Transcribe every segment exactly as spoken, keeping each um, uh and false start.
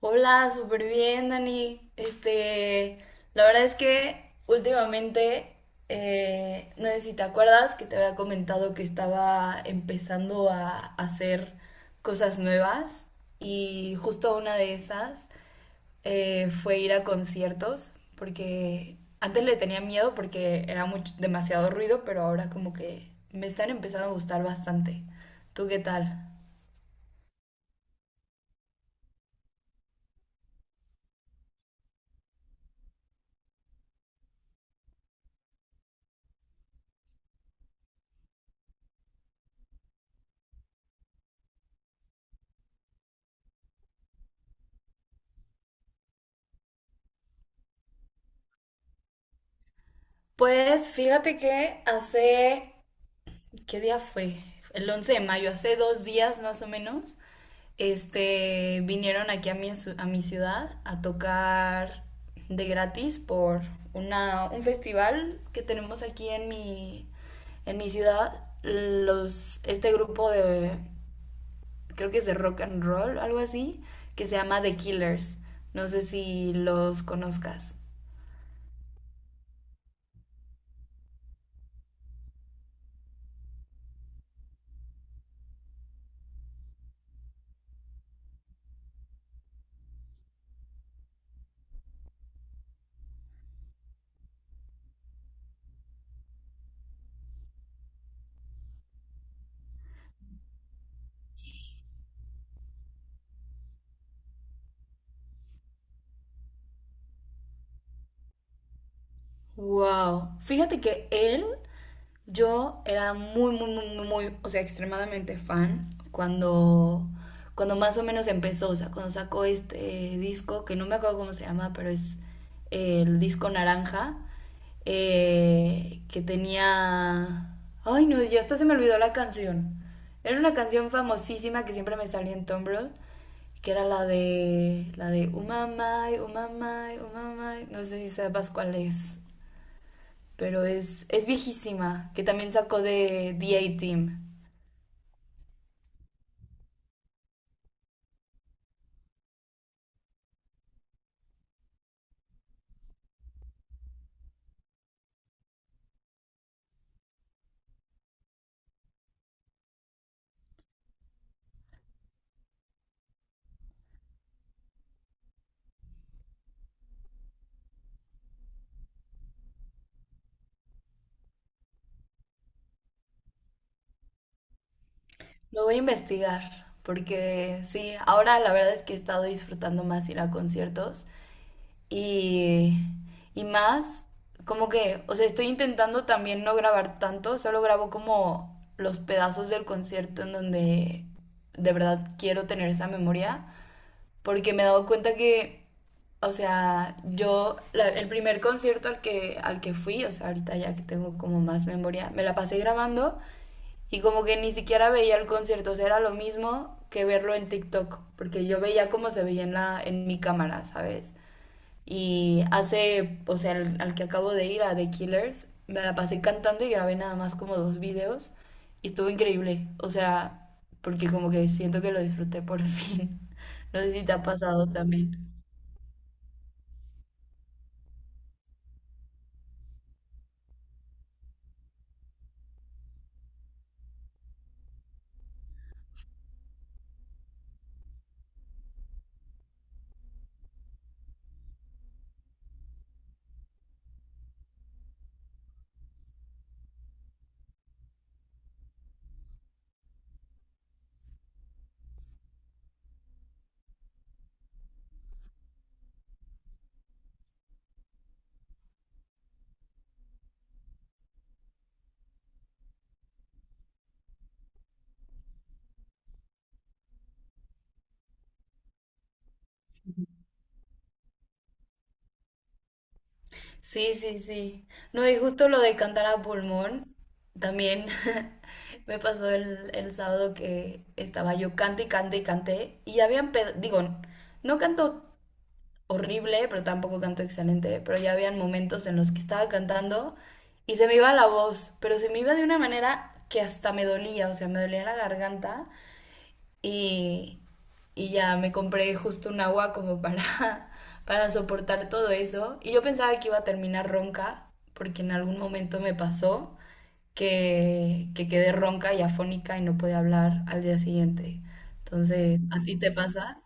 Hola, súper bien, Dani. Este, la verdad es que últimamente, eh, no sé si te acuerdas que te había comentado que estaba empezando a hacer cosas nuevas y justo una de esas eh, fue ir a conciertos porque antes le tenía miedo porque era mucho, demasiado ruido, pero ahora como que me están empezando a gustar bastante. ¿Tú qué tal? Pues fíjate que hace... ¿Qué día fue? El once de mayo, hace dos días más o menos. este, vinieron aquí a mi, a mi ciudad a tocar de gratis por una, un festival que tenemos aquí en mi, en mi ciudad. Los, este grupo de, creo que es de rock and roll, algo así, que se llama The Killers. No sé si los conozcas. Wow. Fíjate que él... Yo era muy, muy, muy, muy, o sea, extremadamente fan cuando, cuando más o menos empezó, o sea, cuando sacó este eh, disco, que no me acuerdo cómo se llama, pero es, eh, el disco naranja, eh, que tenía... Ay, no, ya hasta se me olvidó la canción. Era una canción famosísima que siempre me salía en Tumblr, que era la de... La de Umamai, Umamai, Umamai, no sé si sabes cuál es, pero es, es viejísima, que también sacó de The A-Team. Lo voy a investigar, porque sí, ahora la verdad es que he estado disfrutando más ir a conciertos y, y más, como que, o sea, estoy intentando también no grabar tanto, solo grabo como los pedazos del concierto en donde de verdad quiero tener esa memoria porque me he dado cuenta que, o sea, yo, la- el primer concierto al que, al que fui, o sea, ahorita ya que tengo como más memoria, me la pasé grabando y como que ni siquiera veía el concierto, o sea, era lo mismo que verlo en TikTok, porque yo veía cómo se veía en la, en mi cámara, ¿sabes? Y hace, o sea, al, al que acabo de ir, a The Killers, me la pasé cantando y grabé nada más como dos videos. Y estuvo increíble. O sea, porque como que siento que lo disfruté por fin. No sé si te ha pasado también. Sí, sí, sí. No, y justo lo de cantar a pulmón, también me pasó el, el sábado que estaba yo cante y cante y cante. Y habían, ped- digo, no canto horrible, pero tampoco canto excelente, pero ya habían momentos en los que estaba cantando y se me iba la voz, pero se me iba de una manera que hasta me dolía, o sea, me dolía la garganta y, y ya me compré justo un agua como para para soportar todo eso. Y yo pensaba que iba a terminar ronca, porque en algún momento me pasó que, que quedé ronca y afónica y no podía hablar al día siguiente. Entonces, ¿a ti te pasa?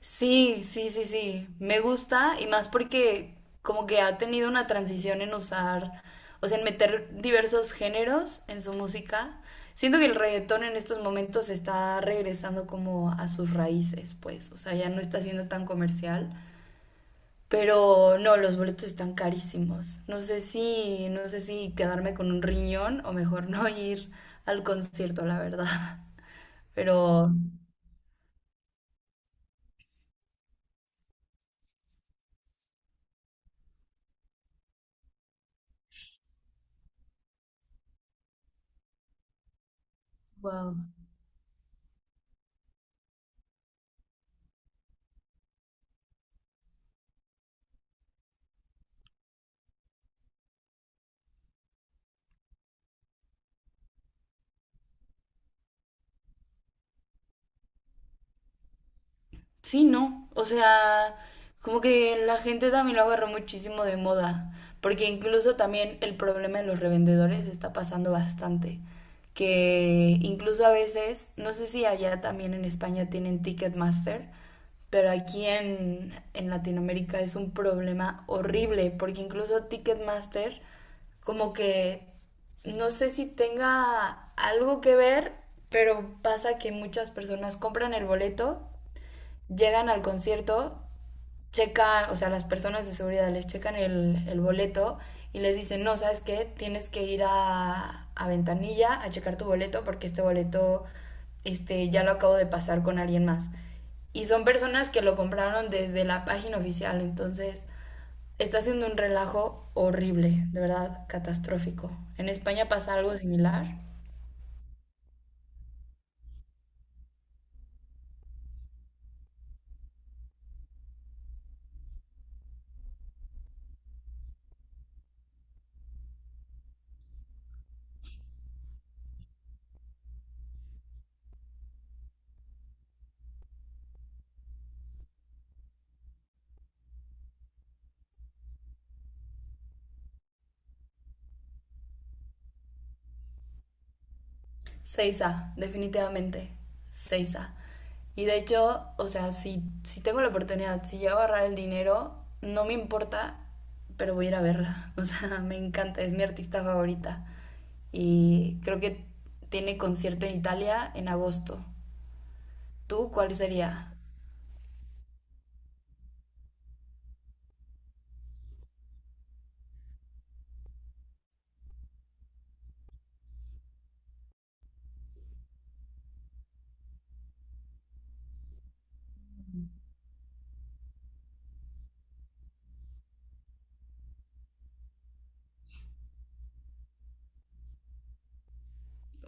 Sí, sí, sí, sí. Me gusta y más porque como que ha tenido una transición en usar, o sea, en meter diversos géneros en su música. Siento que el reggaetón en estos momentos está regresando como a sus raíces, pues, o sea, ya no está siendo tan comercial, pero no, los boletos están carísimos. No sé si, no sé si quedarme con un riñón o mejor no ir al concierto, la verdad. Pero, wow. Sí, no. O sea, como que la gente también lo agarró muchísimo de moda, porque incluso también el problema de los revendedores está pasando bastante, que incluso a veces, no sé si allá también en España tienen Ticketmaster, pero aquí en, en Latinoamérica es un problema horrible, porque incluso Ticketmaster como que no sé si tenga algo que ver, pero pasa que muchas personas compran el boleto, llegan al concierto, checan, o sea, las personas de seguridad les checan el, el boleto y les dicen, no, ¿sabes qué? Tienes que ir a, a Ventanilla a checar tu boleto porque este boleto, este, ya lo acabo de pasar con alguien más. Y son personas que lo compraron desde la página oficial, entonces está haciendo un relajo horrible, de verdad, catastrófico. ¿En España pasa algo similar? Seiza, definitivamente. Seiza. Y de hecho, o sea, si, si tengo la oportunidad, si llego a ahorrar el dinero, no me importa, pero voy a ir a verla. O sea, me encanta, es mi artista favorita. Y creo que tiene concierto en Italia en agosto. ¿Tú cuál sería?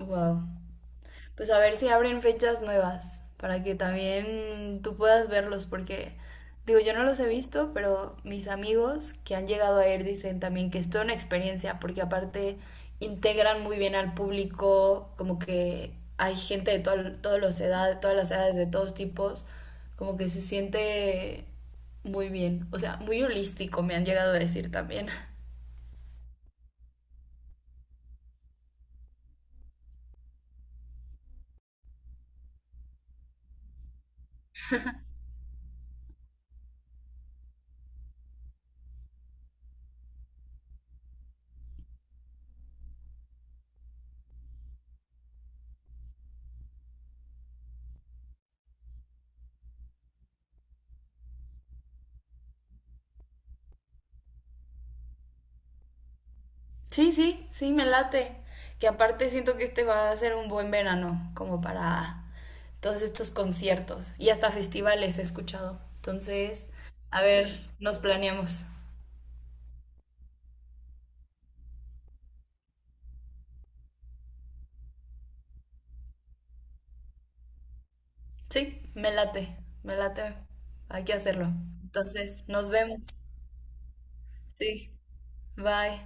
Wow. Pues a ver si abren fechas nuevas para que también tú puedas verlos, porque digo, yo no los he visto, pero mis amigos que han llegado a ir dicen también que es toda una experiencia, porque aparte integran muy bien al público, como que hay gente de todas todos los edad, todas las edades, de todos tipos, como que se siente muy bien, o sea, muy holístico, me han llegado a decir también. Sí, sí, sí, me late. Que aparte siento que este va a ser un buen verano, como para todos estos conciertos y hasta festivales he escuchado. Entonces, a ver, nos planeamos. Sí, me late, me late. Hay que hacerlo. Entonces, nos vemos. Sí, bye.